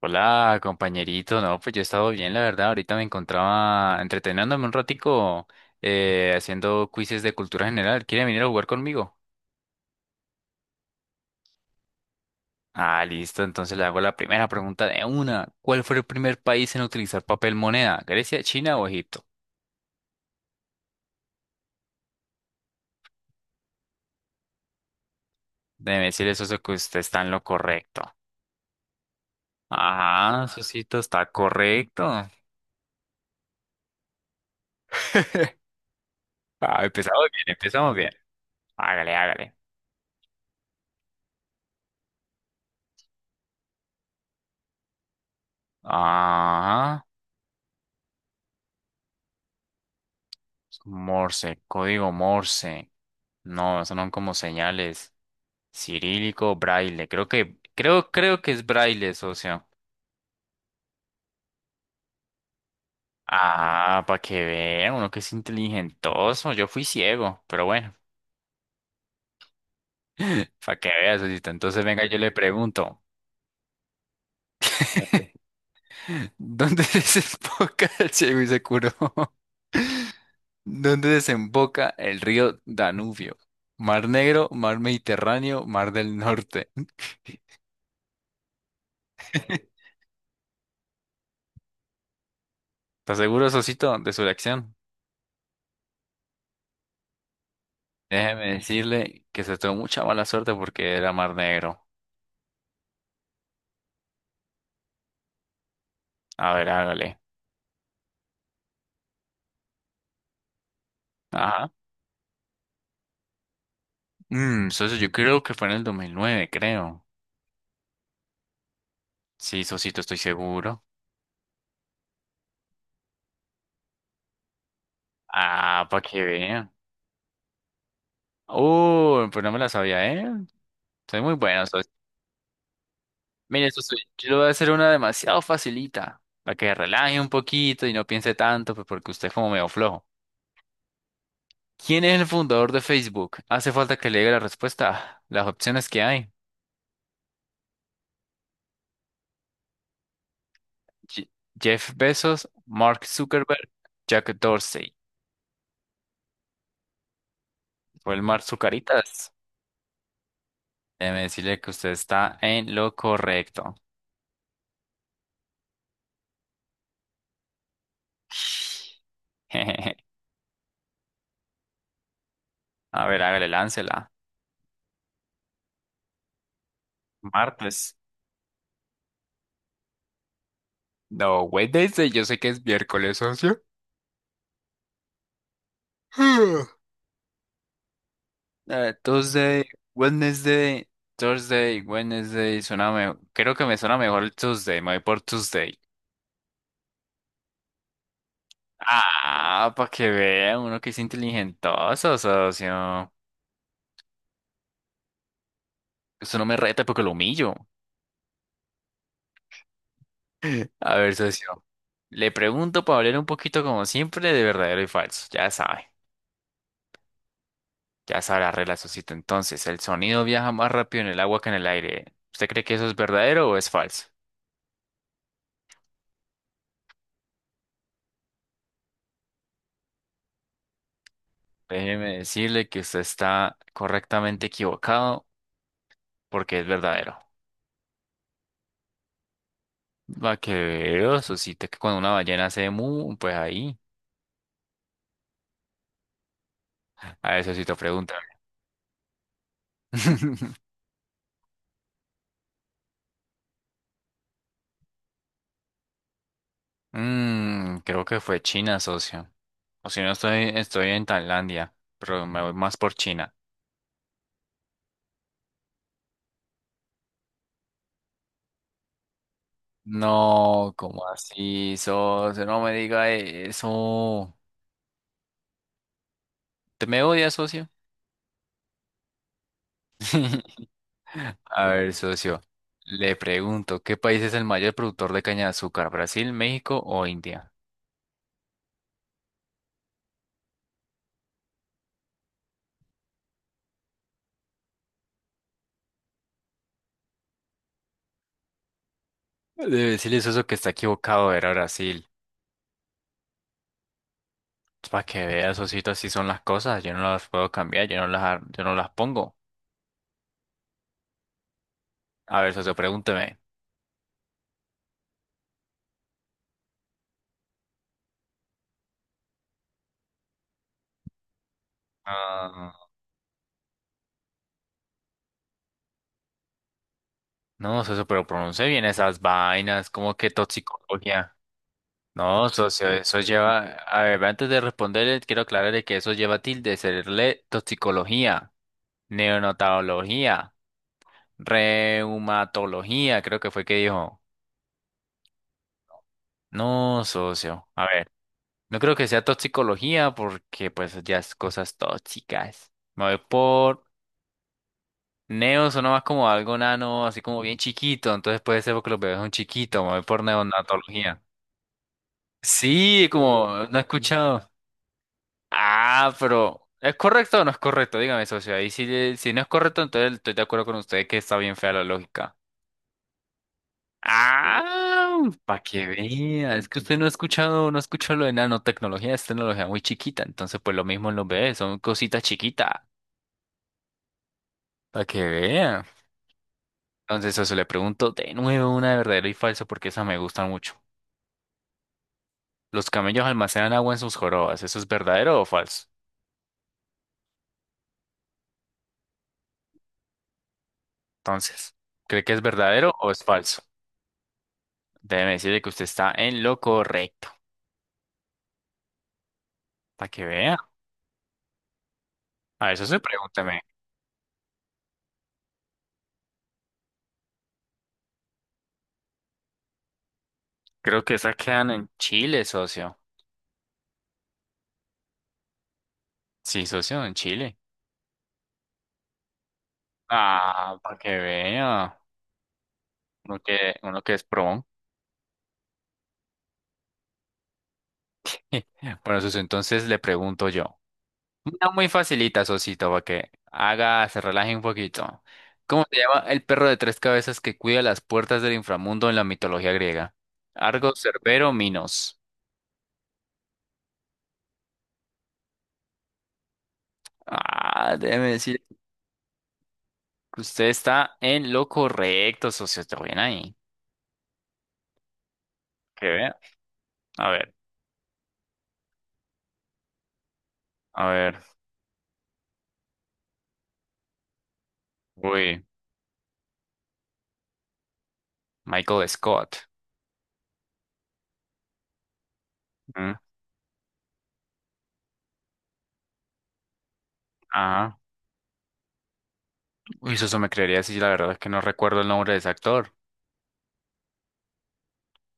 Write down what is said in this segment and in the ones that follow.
Hola, compañerito. No, pues yo he estado bien, la verdad. Ahorita me encontraba entreteniéndome un ratico haciendo quizzes de cultura general. ¿Quiere venir a jugar conmigo? Ah, listo. Entonces le hago la primera pregunta de una. ¿Cuál fue el primer país en utilizar papel moneda? ¿Grecia, China o Egipto? Debe decir eso que usted está en lo correcto. Ajá, Susito, está correcto. Ah, empezamos bien, empezamos bien. Hágale, hágale. Ajá. Morse, código Morse. No, eso no son como señales. Cirílico, braille. Creo que es braille, socio. Ah, para que vea, uno que es inteligentoso. Yo fui ciego, pero bueno, para que vea, socito. Entonces, venga, yo le pregunto, ¿dónde desemboca el ciego y se curó? ¿Dónde desemboca el río Danubio? Mar Negro, Mar Mediterráneo, Mar del Norte. ¿Estás seguro, Sosito, de su elección? Déjeme decirle que se tuvo mucha mala suerte porque era Mar Negro. A ver, hágale. Ajá. Socio, yo creo que fue en el 2009, creo. Sí, Sosito, estoy seguro. Ah, para que vean. Pues no me la sabía, ¿eh? Soy muy bueno, socio. Mire, socio, yo le voy a hacer una demasiado facilita, para que relaje un poquito y no piense tanto, pues porque usted es como medio flojo. ¿Quién es el fundador de Facebook? Hace falta que le diga la respuesta, las opciones que hay. Je- Jeff Bezos, Mark Zuckerberg, Jack Dorsey. Fue el Mark Zucaritas. Déjeme decirle que usted está en lo correcto. A ver, hágale, láncela. Martes. No, Wednesday, yo sé que es miércoles, socio. Tuesday, Wednesday, Thursday, Wednesday, suena mejor. Creo que me suena mejor el Tuesday, me voy por Tuesday. Ah, para que vea uno que es inteligentoso, socio. Eso no me reta porque lo humillo. A ver, socio. Le pregunto para hablar un poquito como siempre de verdadero y falso. Ya sabe. Ya sabe la regla, socito. Entonces, el sonido viaja más rápido en el agua que en el aire. ¿Usted cree que eso es verdadero o es falso? Déjeme decirle que usted está correctamente equivocado porque es verdadero. Va que veo, socito, que cuando una ballena hace mu, pues ahí. A ver, socito, pregunta. Mm, creo que fue China, socio. O si no, estoy en Tailandia, pero me voy más por China. No, ¿cómo así, socio? No me diga eso. ¿Te me odias, socio? A ver, socio. Le pregunto, ¿qué país es el mayor productor de caña de azúcar? ¿Brasil, México o India? Debe decirle, socio, que está equivocado, era Brasil. Para que vea, socito, así son las cosas. Yo no las puedo cambiar, yo no las pongo. A ver, socio, pregúnteme. Ah, no, socio, pero pronuncie bien esas vainas, como que toxicología. No, socio, eso lleva, a ver, antes de responderle, quiero aclararle que eso lleva tilde, serle toxicología, neonatología, reumatología, creo que fue que dijo. No, socio, a ver, no creo que sea toxicología porque pues ya es cosas tóxicas. Me voy por neo, suena más como algo nano, así como bien chiquito, entonces puede ser porque los bebés son chiquitos, me voy por neonatología. Sí, como no he escuchado. Ah, pero ¿es correcto o no es correcto? Dígame, socio. Ahí si, si no es correcto, entonces estoy de acuerdo con usted que está bien fea la lógica. Ah, para que vea. Es que usted no ha escuchado lo de nanotecnología, es tecnología muy chiquita. Entonces, pues lo mismo en los bebés, son cositas chiquitas. Para que vea. Entonces, socio, le pregunto de nuevo una de verdadero y falso porque esas me gustan mucho. Los camellos almacenan agua en sus jorobas. ¿Eso es verdadero o falso? Entonces, ¿cree que es verdadero o es falso? Déjeme decirle que usted está en lo correcto. Para que vea. A eso se pregúntame. Creo que esas quedan en Chile, socio. Sí, socio, en Chile. Ah, para que vea. Uno que es pro. Bueno, socio, entonces le pregunto yo. Una muy facilita, socito, para que haga, se relaje un poquito. ¿Cómo se llama el perro de tres cabezas que cuida las puertas del inframundo en la mitología griega? Argo, Cerbero, Minos. Ah, déjeme decir que usted está en lo correcto, socio. Está bien ahí. Que vea. A ver, a ver. Uy, Michael Scott. ¿Mm? Ajá. Uy, eso me creería si la verdad es que no recuerdo el nombre de ese actor.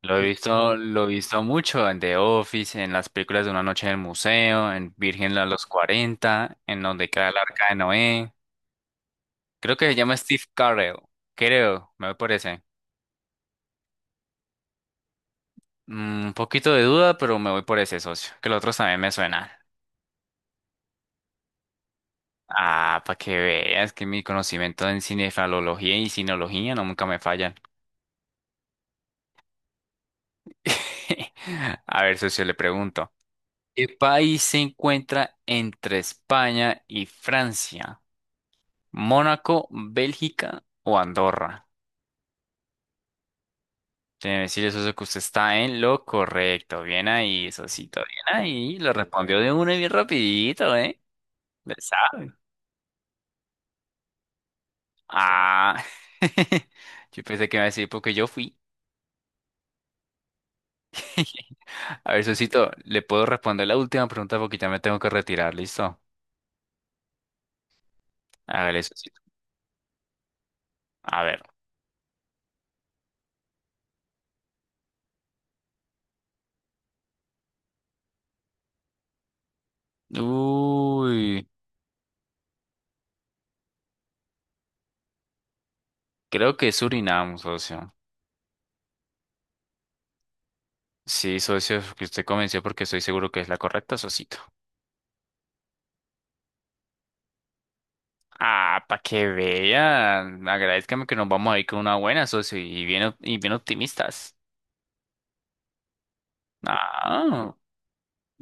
Lo he visto mucho en The Office, en las películas de Una noche en el museo, en Virgen a los Cuarenta en donde cae el arca de Noé. Creo que se llama Steve Carell. Creo, me voy por ese. Mm, un poquito de duda, pero me voy por ese socio, que los otros también me suenan. Ah, para que veas que mi conocimiento en cinefalología y sinología no nunca me fallan. A ver, socio, le pregunto. ¿Qué país se encuentra entre España y Francia? ¿Mónaco, Bélgica o Andorra? Debe decir eso que usted está en lo correcto. Bien ahí, Sosito, bien ahí. Lo respondió de una y bien rapidito, ¿eh? Le sabe. Ah. Yo pensé que me iba a decir porque yo fui. A ver, Sosito, ¿le puedo responder la última pregunta porque ya me tengo que retirar? ¿Listo? Hágale, Sosito. A ver. Uy, creo que es Surinam, socio. Sí, socio, que usted convenció porque estoy seguro que es la correcta, socito. Ah, para que vean. Agradezcame que nos vamos a ir con una buena, socio, y bien optimistas. Ah,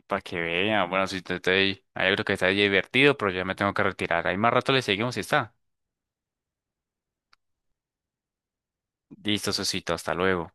para que vean. Bueno, si estoy, yo creo que está divertido, pero ya me tengo que retirar. Ahí más rato le seguimos y está. Listo, socito, hasta luego.